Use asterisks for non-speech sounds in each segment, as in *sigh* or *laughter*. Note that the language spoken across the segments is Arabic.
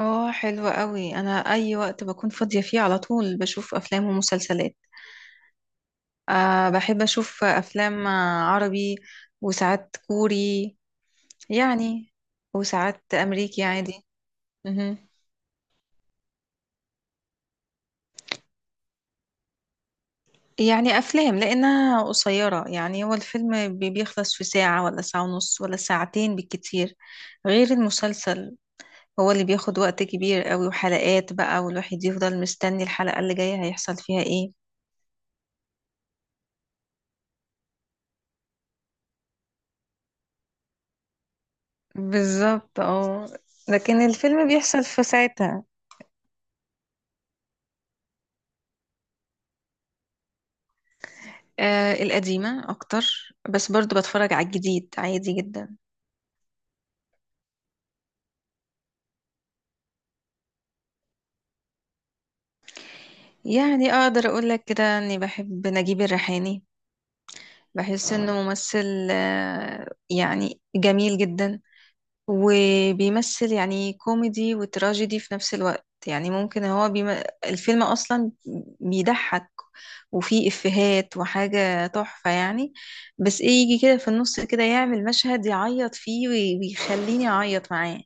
اه، حلو قوي. انا اي وقت بكون فاضية فيه على طول بشوف افلام ومسلسلات. أه، بحب اشوف افلام عربي، وساعات كوري، يعني، وساعات امريكي عادي. مهم. يعني افلام لانها قصيرة، يعني هو الفيلم بيخلص في ساعة ولا ساعة ونص ولا ساعتين بالكتير، غير المسلسل هو اللي بياخد وقت كبير قوي وحلقات بقى، والواحد يفضل مستني الحلقة اللي جاية هيحصل فيها ايه. بالظبط اه. لكن الفيلم بيحصل في ساعتها. آه، القديمة أكتر، بس برضو بتفرج على الجديد عادي جدا. يعني أقدر أقولك كده أني بحب نجيب الريحاني. بحس إنه ممثل يعني جميل جدا. وبيمثل يعني كوميدي وتراجيدي في نفس الوقت، يعني ممكن هو. الفيلم أصلا بيضحك، وفيه إفيهات وحاجة تحفة يعني. بس إيه، يجي كده في النص كده يعمل مشهد يعيط فيه ويخليني أعيط معاه.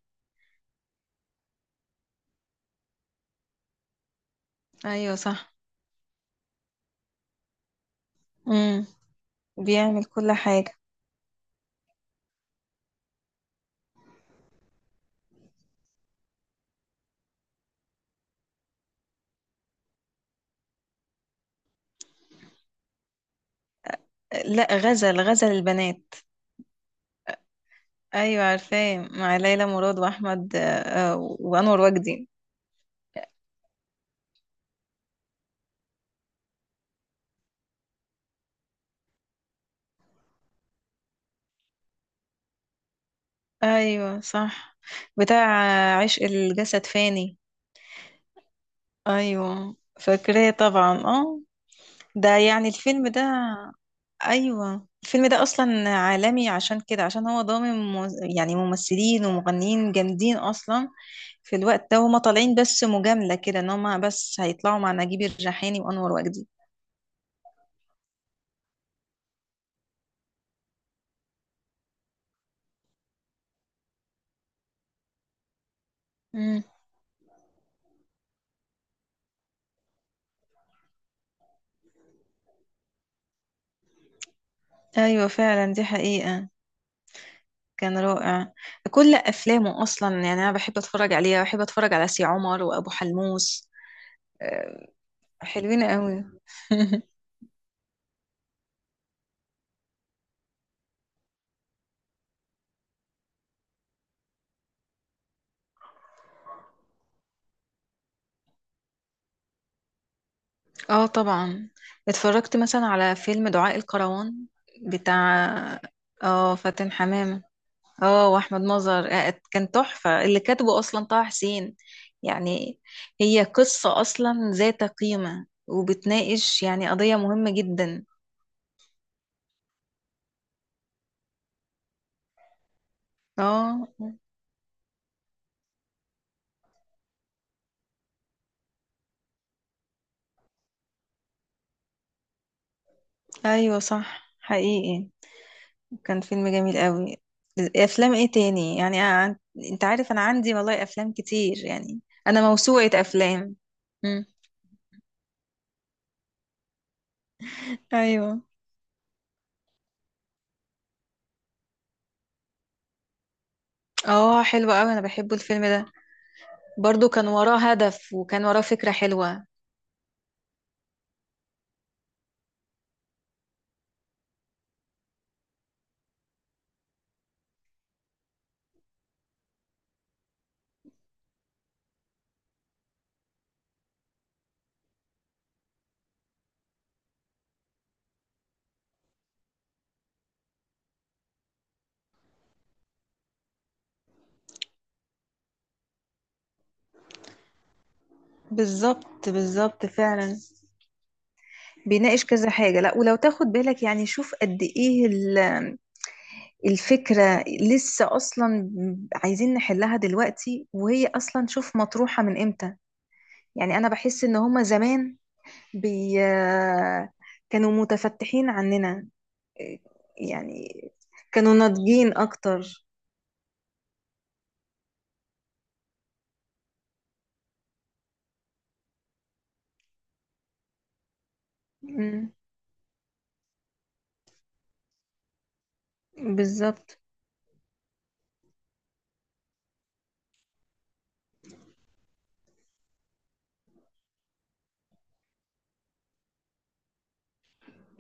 أيوة صح. امم. بيعمل كل حاجة. لا، غزل البنات. أيوة عارفاه، مع ليلى مراد وأحمد وأنور وجدي. أيوة صح. بتاع عشق الجسد فاني. ايوه فاكراه طبعا اه. ده يعني الفيلم ده، ايوه الفيلم ده اصلا عالمي، عشان كده، عشان هو ضامن يعني ممثلين ومغنيين جامدين اصلا. في الوقت ده هما طالعين بس مجاملة كده ان هما بس هيطلعوا مع نجيب الريحاني وانور وجدي. مم. ايوه فعلا، دي حقيقة. كان رائع. كل افلامه اصلا يعني انا بحب اتفرج عليها، بحب اتفرج على سي عمر وابو حلموس. آه، حلوين قوي. اه طبعا. اتفرجت مثلا على فيلم دعاء الكروان، بتاع اه فاتن حمامة، اه واحمد مظهر. آه، كان تحفة. اللي كاتبه اصلا طه حسين يعني. هي قصة اصلا ذات قيمة وبتناقش يعني قضية مهمة جدا. اه. ايوه صح، حقيقي. كان فيلم جميل قوي. افلام ايه تاني يعني، انت عارف انا عندي والله افلام كتير يعني. انا موسوعة افلام. مم. *laughs* ايوه. اه حلو قوي، انا بحبه الفيلم ده. برضو كان وراه هدف وكان وراه فكرة حلوة. بالظبط بالظبط فعلا. بيناقش كذا حاجة. لا، ولو تاخد بالك يعني شوف قد ايه الفكرة لسه اصلا عايزين نحلها دلوقتي، وهي اصلا شوف مطروحة من امتى. يعني انا بحس ان هما زمان بي كانوا متفتحين عننا، يعني كانوا ناضجين اكتر. مم، بالظبط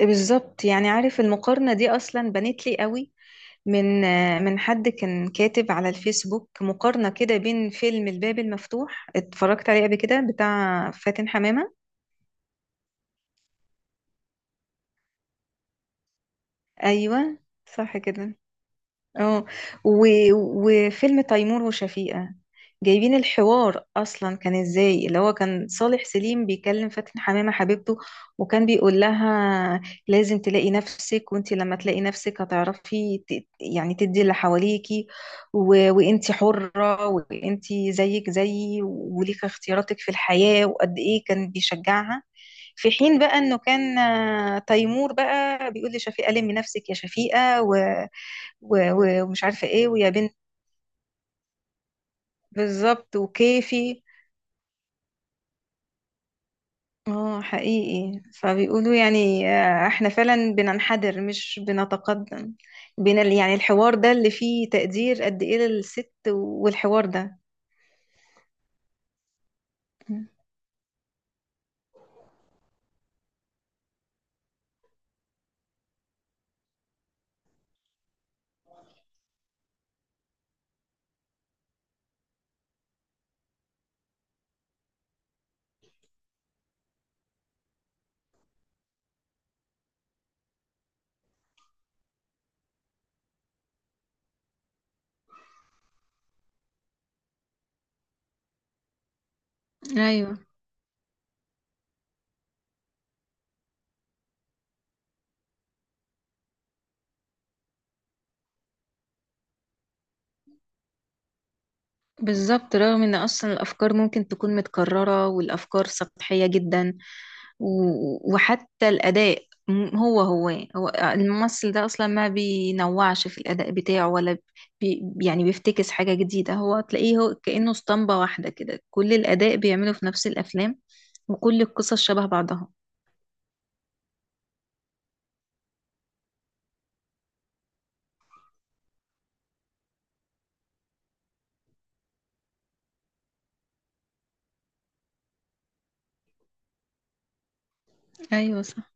بالظبط. يعني عارف المقارنة دي أصلا بنت لي قوي، من من حد كان كاتب على الفيسبوك مقارنة كده بين فيلم الباب المفتوح، اتفرجت عليه قبل كده، بتاع فاتن حمامة. أيوة صح كده. اه. و... وفيلم تيمور وشفيقة. جايبين الحوار اصلا كان ازاي، اللي هو كان صالح سليم بيكلم فاتن حمامة حبيبته، وكان بيقول لها لازم تلاقي نفسك، وانت لما تلاقي نفسك هتعرفي يعني تدي اللي حواليكي، و... وانت حرة، وانت زيك زيي، وليك اختياراتك في الحياة، وقد ايه كان بيشجعها. في حين بقى انه كان تيمور بقى بيقول لشفيقة: لمي نفسك يا شفيقة ومش عارفة ايه ويا بنت، بالظبط وكيفي. اه حقيقي. فبيقولوا يعني احنا فعلا بننحدر مش بنتقدم. بين يعني الحوار ده اللي فيه تقدير قد ايه للست، والحوار ده. ايوه بالظبط. رغم ان اصلا الافكار ممكن تكون متكررة والافكار سطحية جدا، وحتى الاداء، هو. هو الممثل ده اصلا ما بينوعش في الاداء بتاعه، ولا يعني بيفتكس حاجة جديدة، هو تلاقيه هو كأنه اسطمبة واحدة كده، كل الاداء بيعمله في نفس الافلام، وكل القصص شبه بعضها. ايوه صح.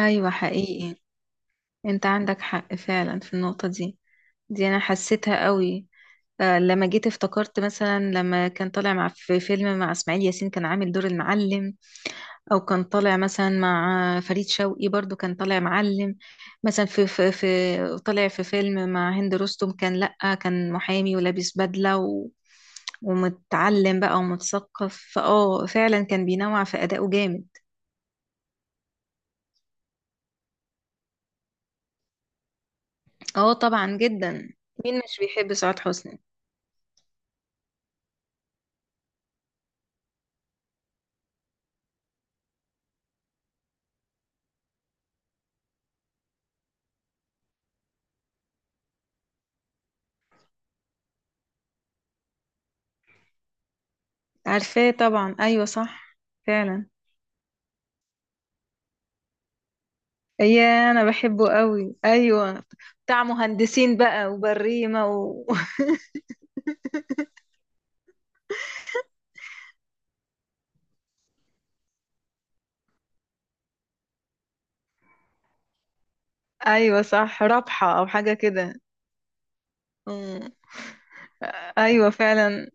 ايوه حقيقي. انت عندك حق فعلا في النقطة دي، دي انا حسيتها قوي. آه، لما جيت افتكرت مثلا لما كان طالع مع في فيلم مع اسماعيل ياسين كان عامل دور المعلم، او كان طالع مثلا مع فريد شوقي برضو كان طالع معلم، مثلا في طالع في فيلم مع هند رستم كان لأ كان محامي ولابس بدلة و ومتعلم بقى ومتثقف. فاه فعلا كان بينوع في أدائه جامد. اه طبعا جدا. مين مش بيحب سعاد حسني؟ عارفاه طبعا، ايوه صح فعلا. يا انا بحبه قوي ايوه. بتاع مهندسين بقى وبريمة *laughs* ايوه صح، رابحة او حاجة كده. أمم. ايوه فعلا.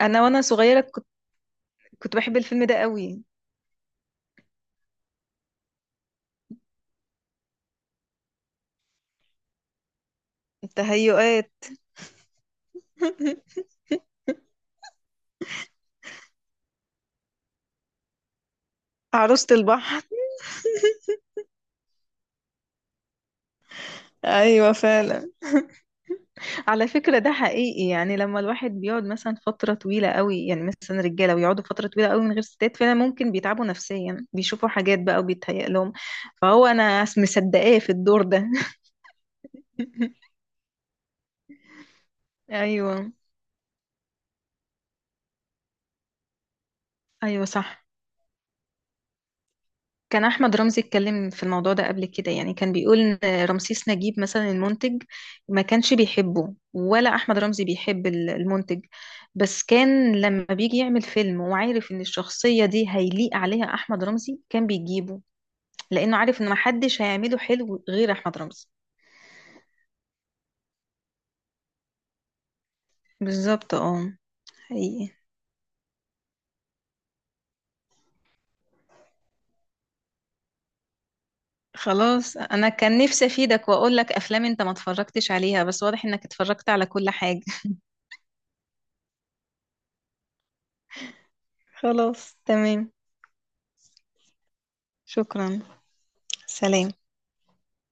انا وانا صغيرة كنت بحب الفيلم ده قوي. تهيؤات. عروسة البحر. ايوه فعلا. على فكرة ده حقيقي، يعني لما الواحد بيقعد مثلا فترة طويلة قوي، يعني مثلا رجالة ويقعدوا فترة طويلة قوي من غير ستات، فعلا ممكن بيتعبوا نفسيا، بيشوفوا حاجات بقى وبيتهيأ لهم. فهو انا مصدقاه في الدور ده. *laughs* ايوه. ايوه صح. كان احمد رمزي اتكلم في الموضوع ده قبل كده، يعني كان بيقول ان رمسيس نجيب مثلا المنتج ما كانش بيحبه، ولا احمد رمزي بيحب المنتج، بس كان لما بيجي يعمل فيلم وعارف ان الشخصية دي هيليق عليها احمد رمزي كان بيجيبه، لانه عارف ان محدش هيعمله حلو غير احمد رمزي. بالظبط اه، حقيقي. خلاص، انا كان نفسي افيدك واقول لك افلام انت ما اتفرجتش عليها، بس واضح انك اتفرجت على كل حاجة. *laughs* خلاص تمام. شكرا. سلام.